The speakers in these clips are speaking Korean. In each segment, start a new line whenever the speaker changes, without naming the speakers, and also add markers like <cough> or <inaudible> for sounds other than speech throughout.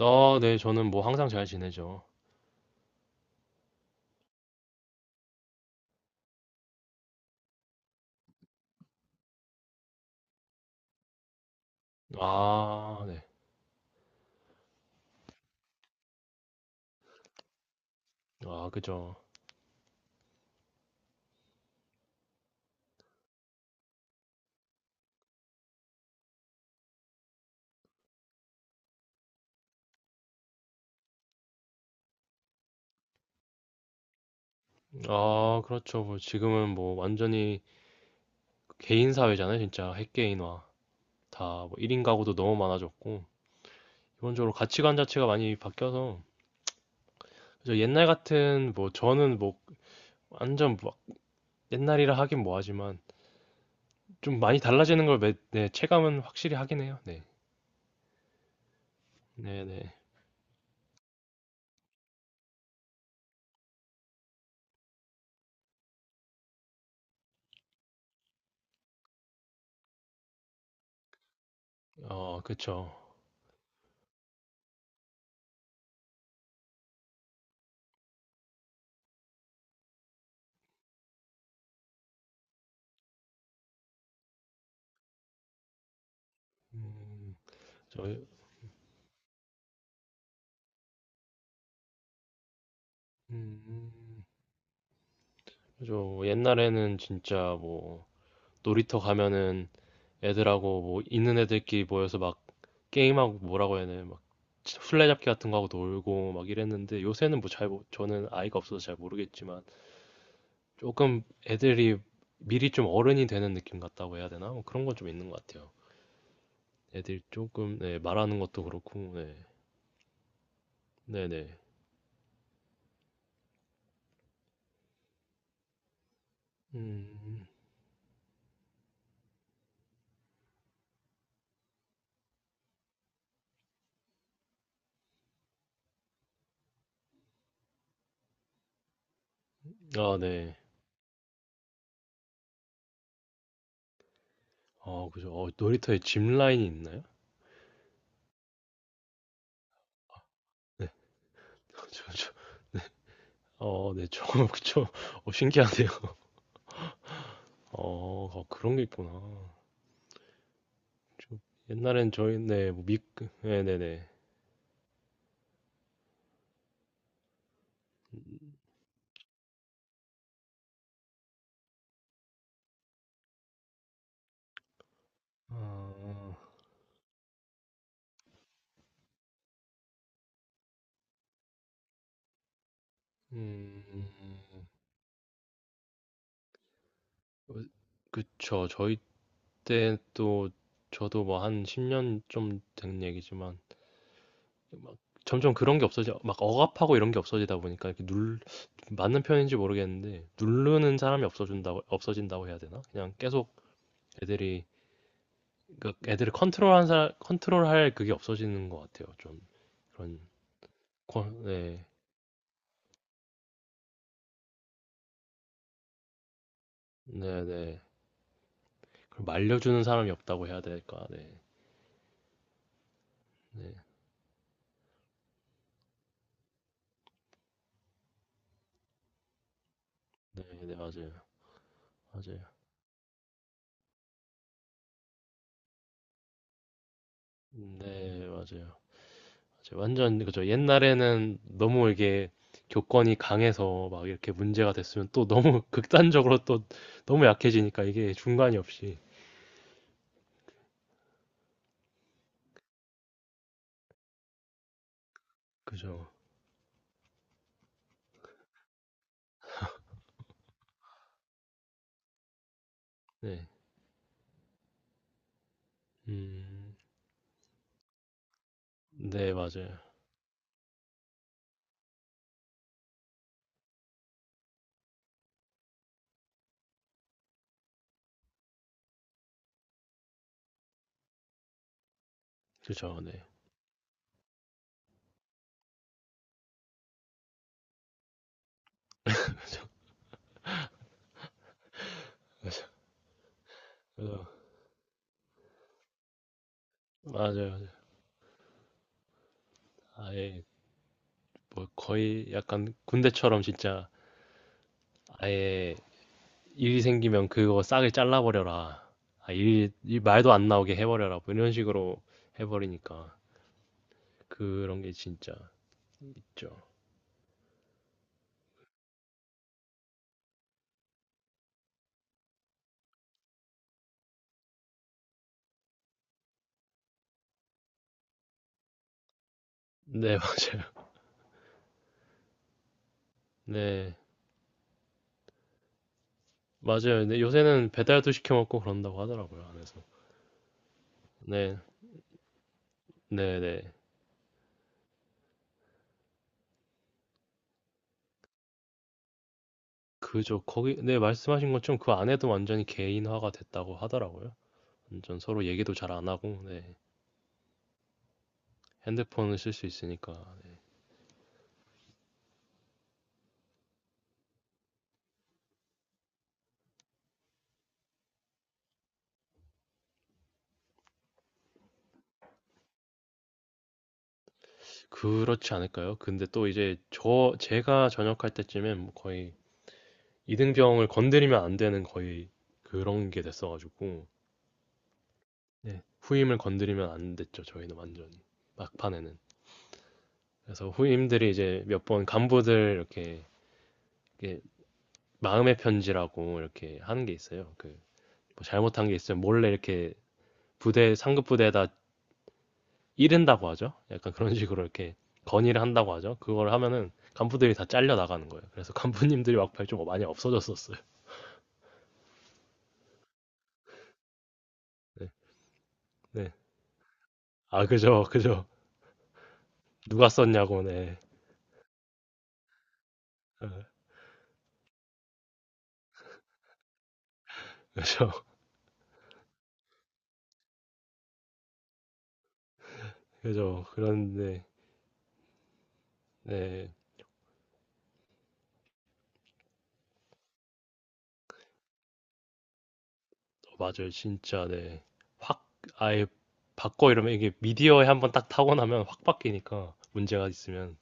아, 네, 저는 뭐 항상 잘 지내죠. 아, 네. 아, 그죠. 아, 그렇죠. 뭐 지금은 뭐 완전히 개인 사회잖아요. 진짜 핵개인화. 다뭐 1인 가구도 너무 많아졌고, 기본적으로 가치관 자체가 많이 바뀌어서, 그죠. 옛날 같은 뭐 저는 뭐 완전 막 옛날이라 하긴 뭐하지만, 좀 많이 달라지는 걸 네, 체감은 확실히 하긴 해요. 네. 네네. 어, 그쵸. 음, 저, 음, 그죠. 옛날에는 진짜 뭐, 놀이터 가면은 애들하고 뭐 있는 애들끼리 모여서 막 게임하고 뭐라고 해야 되나 막 술래잡기 같은 거 하고 놀고 막 이랬는데 요새는 뭐 잘 저는 아이가 없어서 잘 모르겠지만 조금 애들이 미리 좀 어른이 되는 느낌 같다고 해야 되나? 뭐 그런 건 좀 있는 것 같아요. 애들 조금 네, 말하는 것도 그렇고 네. 네네. 음. 아, 네. 아 그죠. 어, 놀이터에 짚 라인이 있나요? 네. 어, 네. 저 <laughs> 그쵸. 어, 신기하네요. 어, 어, 그런 게 있구나. 저- 옛날엔 저희 네, 네네네. 아, 음, 어, 그쵸. 저희 때 또 저도 뭐 한 10년 좀 된 얘기지만 막 점점 그런 게 없어져. 막 억압하고 이런 게 없어지다 보니까 이렇게 눌 맞는 표현인지 모르겠는데 누르는 사람이 없어진다고 해야 되나? 그냥 계속 애들이 그 애들을 컨트롤한 사람 컨트롤할 그게 없어지는 것 같아요. 좀 그런 네, 네, 네. 그걸 말려주는 사람이 없다고 해야 될까? 네, 네, 네, 맞아요, 맞아요. 네, 맞아요. 맞아요. 완전 그죠. 옛날에는 너무 이게 교권이 강해서 막 이렇게 문제가 됐으면 또 너무 <laughs> 극단적으로 또 너무 약해지니까 이게 중간이 없이 그죠. 네, 음, 네, 맞아요. 그죠, 네. 그래서 맞아요. 맞아요. 아예 뭐 거의 약간 군대처럼 진짜 아예 일이 생기면 그거 싸게 잘라버려라. 아, 일 말도 안 나오게 해버려라. 뭐 이런 식으로 해버리니까 그런 게 진짜 있죠. 네, <laughs> 맞아요. 네, 맞아요. 근데 요새는 배달도 시켜 먹고 그런다고 하더라고요, 안에서. 네, 네, 네. 그죠. 거기, 네, 말씀하신 것처럼 그 안에도 완전히 개인화가 됐다고 하더라고요. 완전 서로 얘기도 잘 안 하고, 네. 핸드폰을 쓸 수 있으니까. 그렇지 않을까요? 근데 또 이제 제가 전역할 때쯤엔 뭐 거의 이등병을 건드리면 안 되는 거의 그런 게 됐어가지고 네, 후임을 건드리면 안 됐죠. 저희는 완전히 막판에는 그래서 후임들이 이제 몇 번 간부들 이렇게, 이렇게 마음의 편지라고 이렇게 하는 게 있어요. 그뭐 잘못한 게 있으면 몰래 이렇게 부대 상급 부대에다 이른다고 하죠. 약간 그런 <laughs> 식으로 이렇게 건의를 한다고 하죠. 그걸 하면은 간부들이 다 잘려 나가는 거예요. 그래서 <laughs> 간부님들이 막판에 좀 많이 없어졌었어요. 네, 네. 아 그죠, 그죠. 누가 썼냐고. 네. 아, 그죠 그죠. 그런데, 네. 어, 맞아요. 진짜, 네. 확, 아예 바꿔 이러면 이게 미디어에 한번 딱 타고 나면 확 바뀌니까. 문제가 있으면.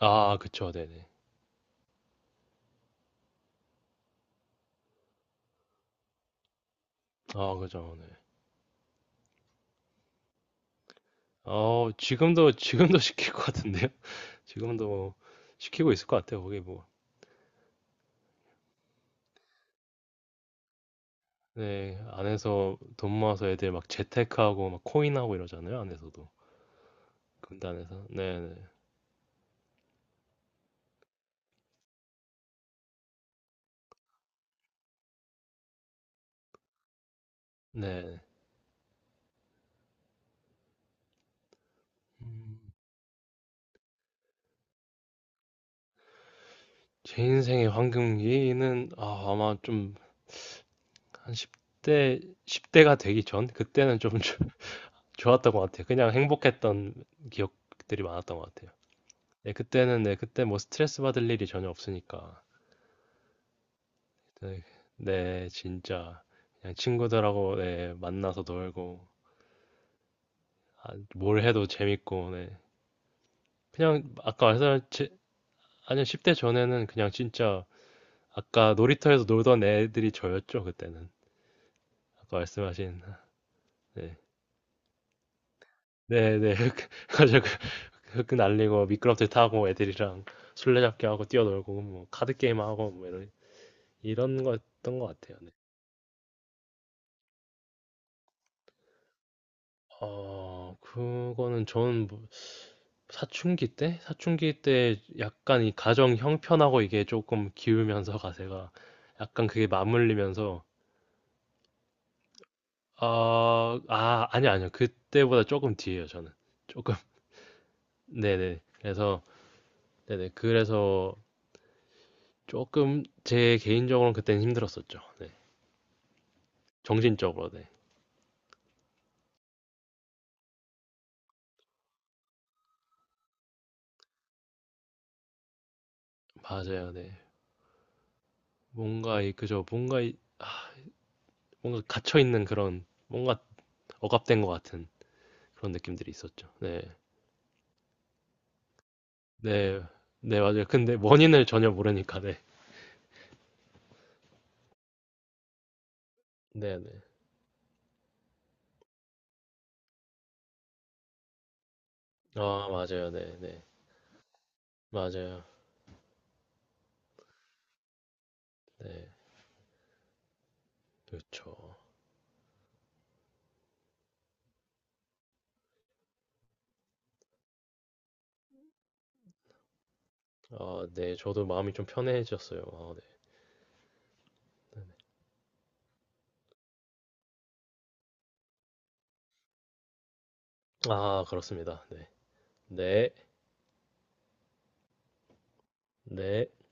아, 그쵸. 네네. 아, 그죠. 네. 어, 지금도 <laughs> 시킬 것 같은데요? 지금도 뭐 시키고 있을 것 같아요. 거기 뭐. 네. 안에서 돈 모아서 애들 막 재테크하고 막 코인하고 이러잖아요. 안에서도. 금단에서. 네네. 네. 제 인생의 황금기는 아, 아마 좀 한 10대, 십 대가 되기 전? 그때는 좀 <laughs> 좋았던 것 같아요. 그냥 행복했던 기억들이 많았던 것 같아요. 네, 그때는, 네, 그때 뭐 스트레스 받을 일이 전혀 없으니까. 네, 네, 진짜. 그냥 친구들하고, 네, 만나서 놀고, 아, 뭘 해도 재밌고, 네. 그냥, 아까 말씀하신, 아니요, 10대 전에는 그냥 진짜, 아까 놀이터에서 놀던 애들이 저였죠, 그때는. 아까 말씀하신, 네. 네, 네. <laughs> 맞아요. 흙 날리고 미끄럼틀 타고 애들이랑 술래잡기 하고 뛰어놀고 뭐 카드 게임 하고 뭐 이런 이런 거였던 것 같아요. 네. 어 그거는 저는 뭐 사춘기 때 약간 이 가정 형편하고 이게 조금 기우면서 가세가 약간 그게 맞물리면서 아, 아, 아니요, 아니요. 그때보다 조금 뒤에요, 저는. 조금. <laughs> 네네. 그래서, 네네. 그래서 조금 제 개인적으로는 그때는 힘들었었죠. 네. 정신적으로, 네. 맞아요, 네. 뭔가 이 그저 뭔가 이 아, 뭔가 갇혀 있는 그런 뭔가 억압된 것 같은 그런 느낌들이 있었죠. 네, 네, 네 맞아요. 근데 원인을 전혀 모르니까 네, 네, 네. 아 맞아요, 네, 네, 맞아요, 네, 그렇죠. 아, 네, 저도 마음이 좀 편해졌어요. 아, 네. 아, 그렇습니다. 네, 네, 네.